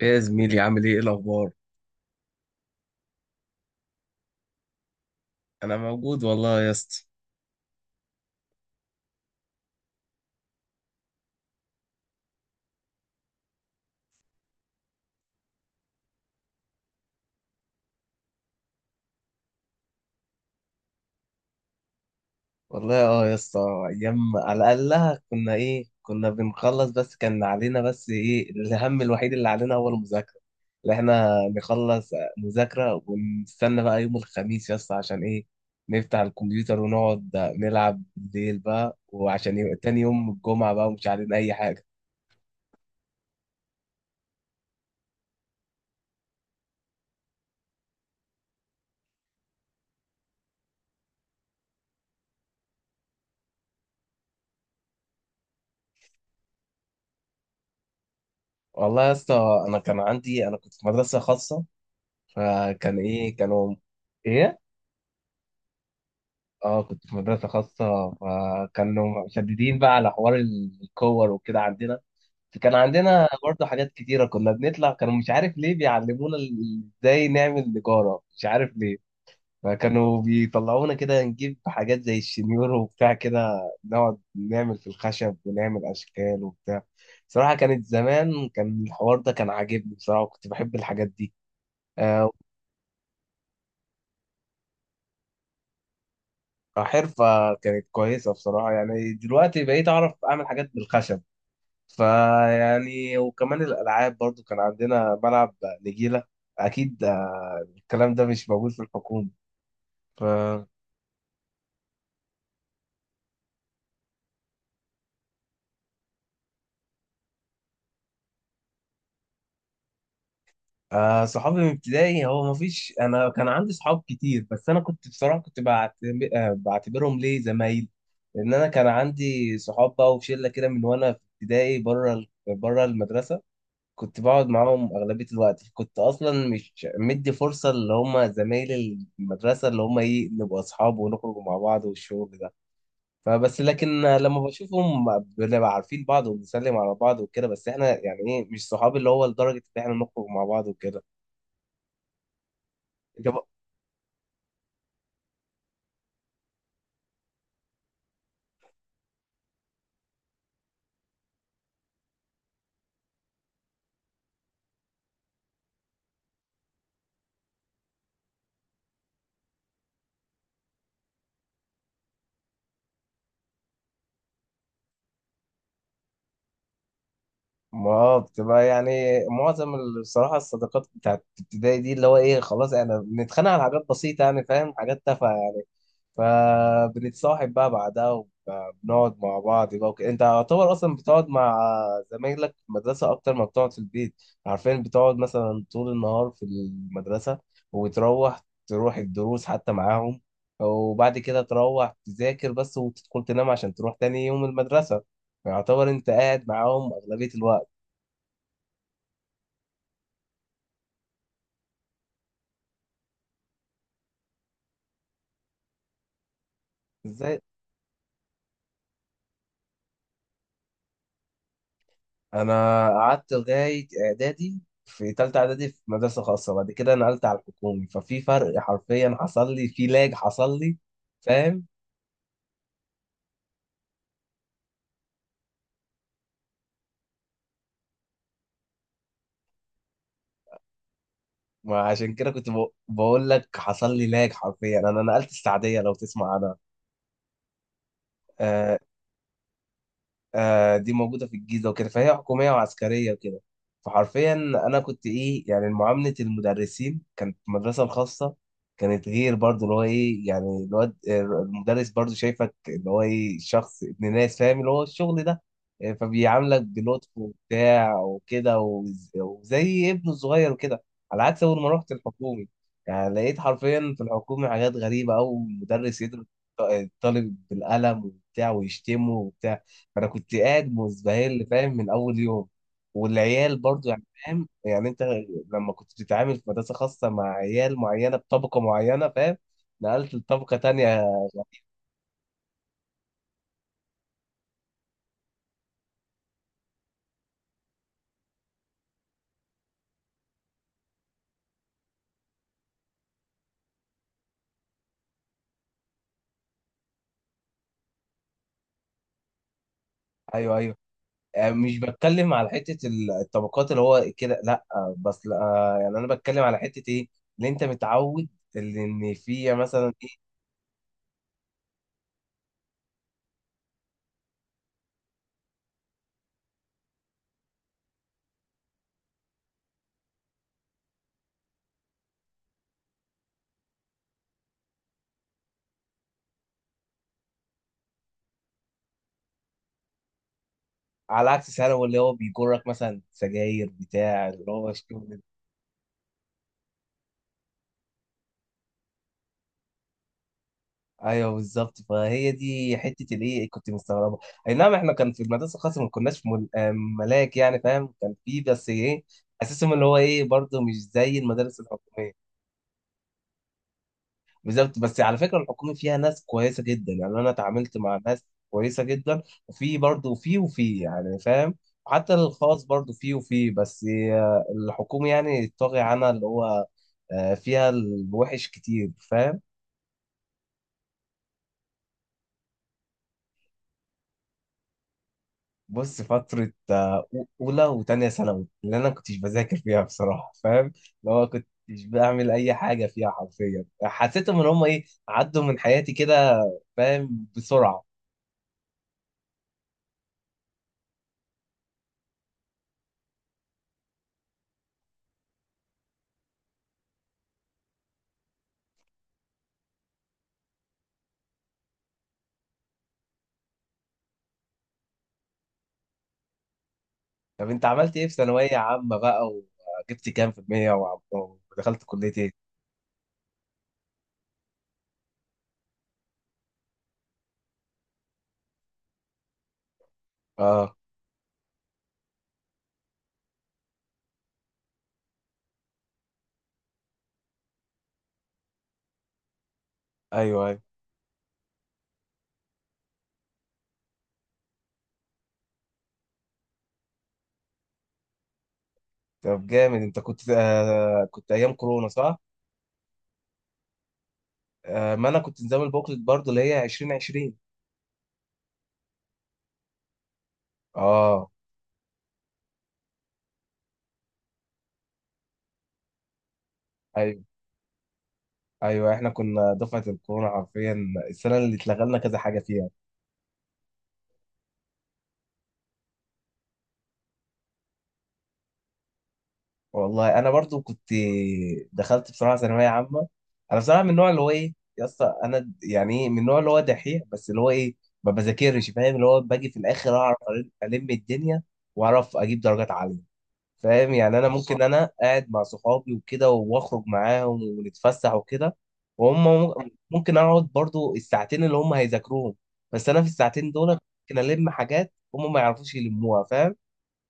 ايه يا زميلي؟ عامل ايه؟ الاخبار؟ انا موجود والله يا اسطى. والله اه يا اسطى. ايام، على الاقل كنا كنا بنخلص، بس كان علينا ايه الهم الوحيد اللي علينا هو المذاكره، اللي احنا نخلص مذاكره ونستنى بقى يوم الخميس يا اسطى عشان ايه، نفتح الكمبيوتر ونقعد نلعب بالليل بقى وعشان يبقى تاني يوم الجمعه بقى ومش علينا اي حاجه. والله يا اسطى، انا كان عندي انا كنت في مدرسه خاصه، فكان ايه كانوا ايه. اه كنت في مدرسة خاصة، فكانوا مشددين بقى على حوار الكور وكده عندنا. فكان عندنا برضه حاجات كتيرة، كنا بنطلع كانوا مش عارف ليه بيعلمونا ازاي نعمل نجارة، مش عارف ليه. فكانوا بيطلعونا كده نجيب حاجات زي الشنيور وبتاع كده، نقعد نعمل في الخشب ونعمل أشكال وبتاع. صراحة كانت زمان كان الحوار ده كان عاجبني بصراحة، وكنت بحب الحاجات دي. آه، حرفة كانت كويسة بصراحة، يعني دلوقتي بقيت أعرف أعمل حاجات بالخشب. فيعني وكمان الألعاب برضو، كان عندنا ملعب نجيلة. أكيد الكلام ده مش موجود في الحكومة. ف صحابي من ابتدائي، هو مفيش، أنا كان عندي صحاب كتير بس أنا كنت بصراحة كنت بعتبرهم ليه زمايل. لأن أنا كان عندي صحاب بقى وشلة كده من وأنا في ابتدائي، بره بره المدرسة، كنت بقعد معاهم أغلبية الوقت، كنت أصلا مش مدي فرصة اللي هم زمايل المدرسة اللي هم إيه نبقى أصحاب ونخرج مع بعض والشغل ده. فبس لكن لما بشوفهم بنبقى عارفين بعض وبنسلم على بعض وكده، بس احنا يعني ايه مش صحاب اللي هو لدرجة ان احنا نخرج مع بعض وكده. بتبقى- ما آه، بتبقى يعني معظم بصراحة الصداقات بتاعت ابتدائي دي اللي هو ايه، خلاص احنا بنتخانق على حاجات بسيطة يعني فاهم، حاجات تافهة يعني. فبنتصاحب بقى بعدها وبنقعد مع بعض بقى وكده، انت يعتبر اصلا بتقعد مع زمايلك في المدرسه اكتر ما بتقعد في البيت. عارفين بتقعد مثلا طول النهار في المدرسه، تروح الدروس حتى معاهم، وبعد كده تروح تذاكر بس وتدخل تنام عشان تروح تاني يوم المدرسه. فيعتبر انت قاعد معاهم اغلبيه الوقت. ازاي؟ انا قعدت لغايه اعدادي، في تالتة اعدادي، في مدرسه خاصه، بعد كده نقلت على الحكومي، ففي فرق حرفيا حصل لي، في لاج حصل لي. فاهم، وعشان كده كنت بقول لك حصل لي لاج. حرفيا انا نقلت السعديه، لو تسمع عنها. آه، آه دي موجودة في الجيزة وكده، فهي حكومية وعسكرية وكده. فحرفيا أنا كنت إيه، يعني معاملة المدرسين كانت في المدرسة الخاصة كانت غير، برضه اللي هو إيه، يعني الواد المدرس برضه شايفك اللي هو إيه شخص ابن ناس، فاهم اللي هو الشغل ده. فبيعاملك بلطف وبتاع وكده، وزي ابنه الصغير وكده. على عكس أول ما رحت الحكومي، يعني لقيت حرفيا في الحكومي حاجات غريبة أوي، مدرس يضرب الطالب بالقلم وبتاع ويشتمه وبتاع. انا كنت قاعد مزبهل فاهم من اول يوم. والعيال برضو يعني فاهم يعني انت لما كنت بتتعامل في مدرسه خاصه مع عيال معينه بطبقه معينه فاهم، نقلت لطبقه تانية. ايوه ايوه، مش بتكلم على حته الطبقات اللي هو كده، لا بس لا، يعني انا بتكلم على حته ايه، اللي انت متعود اللي ان في مثلا ايه، على عكس ثانوي اللي هو بيجرك مثلا سجاير بتاع اللي هو الشغل. ايوه بالظبط، فهي دي حته الايه كنت مستغربه. اي نعم، احنا كان في المدرسه الخاصه ما كناش مل... آه، ملاك يعني فاهم، كان في بس ايه، اساسهم اللي هو ايه برضه مش زي المدارس الحكوميه. بالظبط، بس على فكره الحكومي فيها ناس كويسه جدا، يعني انا اتعاملت مع ناس كويسه جدا. وفي برضه في وفي يعني فاهم، حتى الخاص برضه في بس الحكومي يعني طاغي عنها اللي هو فيها الوحش كتير فاهم. بص، فترة أولى وتانية ثانوي اللي أنا كنتش بذاكر فيها بصراحة فاهم، اللي هو كنتش بعمل أي حاجة فيها، حرفيا حسيتهم إن هم إيه عدوا من حياتي كده، فاهم، بسرعة. طب أنت عملت إيه في ثانوية عامة بقى؟ وجبت كام في المية ودخلت كلية إيه؟ آه، أيوه أيوه. طب جامد، أنت كنت آه كنت أيام كورونا صح؟ آه، ما أنا كنت نظام البوكلت برضه، اللي هي 2020. آه. ايوه احنا كنا دفعه الكورونا حرفيا، السنه اللي اتلغى لنا كذا حاجه فيها. والله انا برضو كنت، دخلت بصراحه ثانويه عامه، انا بصراحه من النوع اللي هو ايه يا اسطى، انا يعني ايه، من النوع اللي هو دحيح، بس اللي هو ايه ما بذاكرش فاهم، اللي هو باجي في الاخر اعرف الم الدنيا واعرف اجيب درجات عاليه. فاهم يعني انا ممكن بالظبط انا قاعد مع صحابي وكده واخرج معاهم ونتفسح وكده، وهم ممكن اقعد برضو الساعتين اللي هم هيذاكروهم، بس انا في الساعتين دول ممكن الم حاجات هم ما يعرفوش يلموها فاهم،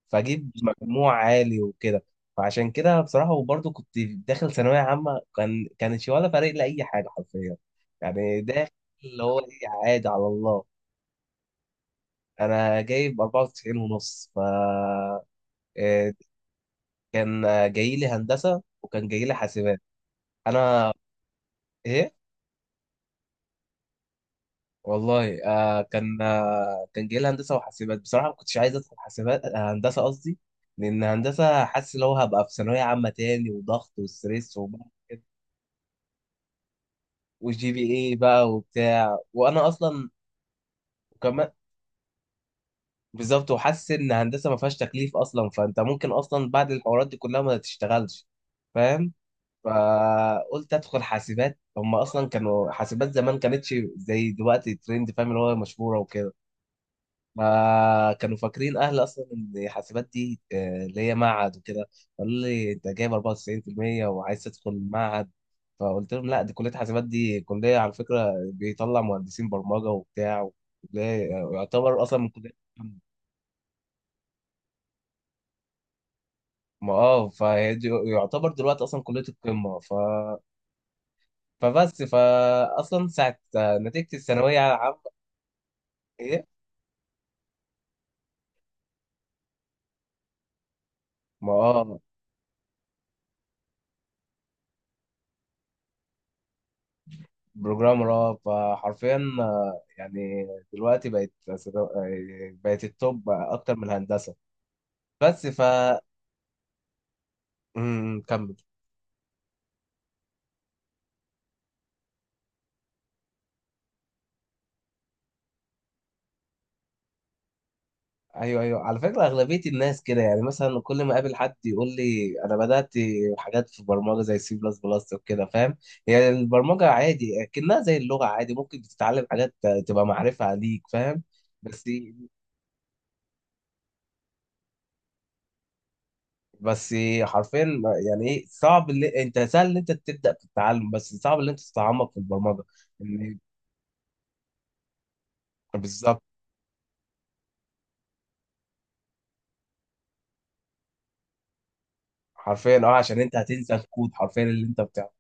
فاجيب مجموع عالي وكده. فعشان كده بصراحة، وبرضو كنت داخل ثانوية عامة كان كانش ولا فارق لي اي حاجة حرفيا، يعني داخل اللي هو ايه عادي على الله. انا جايب 94 ونص. ف آه، كان جاي لي هندسه وكان جاي لي حاسبات. انا ايه، والله آه كان آه كان جاي لي هندسه وحاسبات، بصراحه ما كنتش عايز ادخل حاسبات هندسه قصدي، لان هندسه حاسس لو هبقى في ثانويه عامه تاني وضغط وستريس وبقى كده. والجي بي اي بقى وبتاع، وانا اصلا وكمان بالظبط، وحاسس ان هندسه ما فيهاش تكليف اصلا، فانت ممكن اصلا بعد الحوارات دي كلها ما تشتغلش فاهم. فقلت ادخل حاسبات، هم اصلا كانوا حاسبات زمان كانتش زي دلوقتي ترند فاهم اللي هو مشهوره وكده، فكانوا فاكرين اهل اصلا ان حاسبات دي اللي هي معهد وكده. قالوا لي انت جايب 94% وعايز تدخل معهد، فقلت لهم لا دي كليه حاسبات، دي كليه على فكره بيطلع مهندسين برمجه وبتاع. وكلية- يعتبر اصلا من كليه، ما اه فهي يعتبر دلوقتي اصلا كليه القمه. ف فاصلا ساعه نتيجتي الثانويه العامه. ايه، ما اه، بروجرامر اه. فحرفيا يعني دلوقتي بقت بقت التوب اكتر من الهندسه. بس ف امم، كمل. ايوه ايوه، على فكره اغلبيه الناس كده يعني، مثلا كل ما اقابل حد يقول لي انا بدات حاجات في برمجه زي سي بلس بلس وكده فاهم، يعني البرمجه عادي اكنها زي اللغه عادي ممكن تتعلم حاجات تبقى معرفه ليك فاهم. بس بس حرفيا يعني ايه صعب، اللي انت سهل ان انت تبدا في التعلم بس صعب ان انت تتعمق في البرمجه. إن- بالظبط حرفيا اه، عشان انت هتنسى الكود حرفيا اللي انت بتاعه.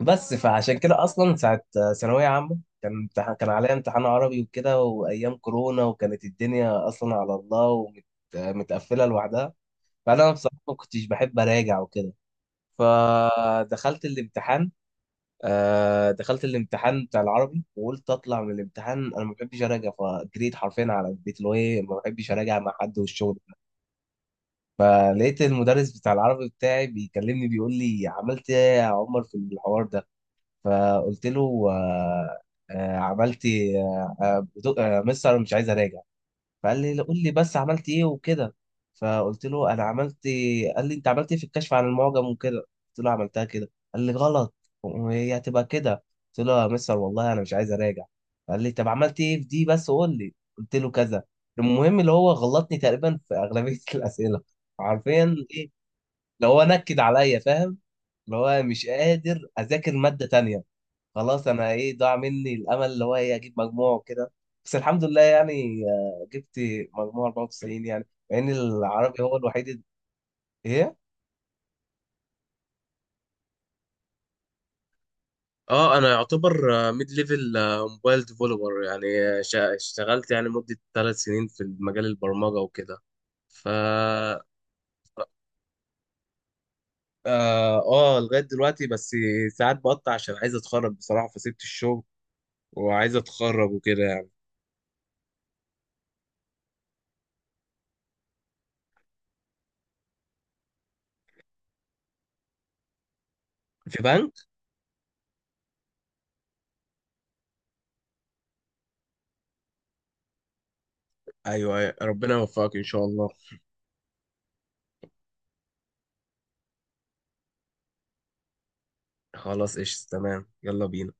بس فعشان كده اصلا ساعه ثانويه عامه كان امتحان، كان عليا امتحان عربي وكده، وايام كورونا وكانت الدنيا اصلا على الله ومتقفله لوحدها، فانا بصراحه ما كنتش بحب اراجع وكده، فدخلت الامتحان. آه دخلت الامتحان بتاع العربي، وقلت اطلع من الامتحان انا ما بحبش اراجع، فجريت حرفيا على البيت اللي هو ايه ما بحبش اراجع مع حد والشغل ده. فلقيت المدرس بتاع العربي بتاعي بيكلمني بيقول لي عملت ايه يا عمر في الحوار ده، فقلت له آه آه عملت إيه؟ مستر أنا مش عايز اراجع. فقال لي قول لي بس عملت ايه وكده، فقلت له انا عملت. قال لي انت عملت ايه في الكشف عن المعجم وكده، قلت له عملتها كده، قال لي غلط وهي هتبقى كده، قلت له يا مستر والله انا مش عايز اراجع. قال لي طب عملت ايه في دي بس قول لي، قلت له كذا. المهم اللي هو غلطني تقريبا في اغلبيه الاسئله حرفيا. ايه، اللي هو نكد عليا فاهم، اللي هو مش قادر اذاكر ماده تانية، خلاص انا ايه ضاع مني الامل اللي هو ايه اجيب مجموع وكده. بس الحمد لله يعني جبت مجموع 94 يعني، مع ان العربي هو الوحيد. ايه، اه انا يعتبر ميد ليفل موبايل ديفلوبر يعني، اشتغلت يعني مدة 3 سنين في مجال البرمجة وكده. ف اه آه، لغاية دلوقتي، بس ساعات بقطع عشان عايز اتخرج بصراحة، فسبت الشغل وعايز اتخرج وكده يعني. في بنك؟ ايوه أيوة، ربنا يوفقك ان شاء الله. خلاص ايش تمام، يلا بينا.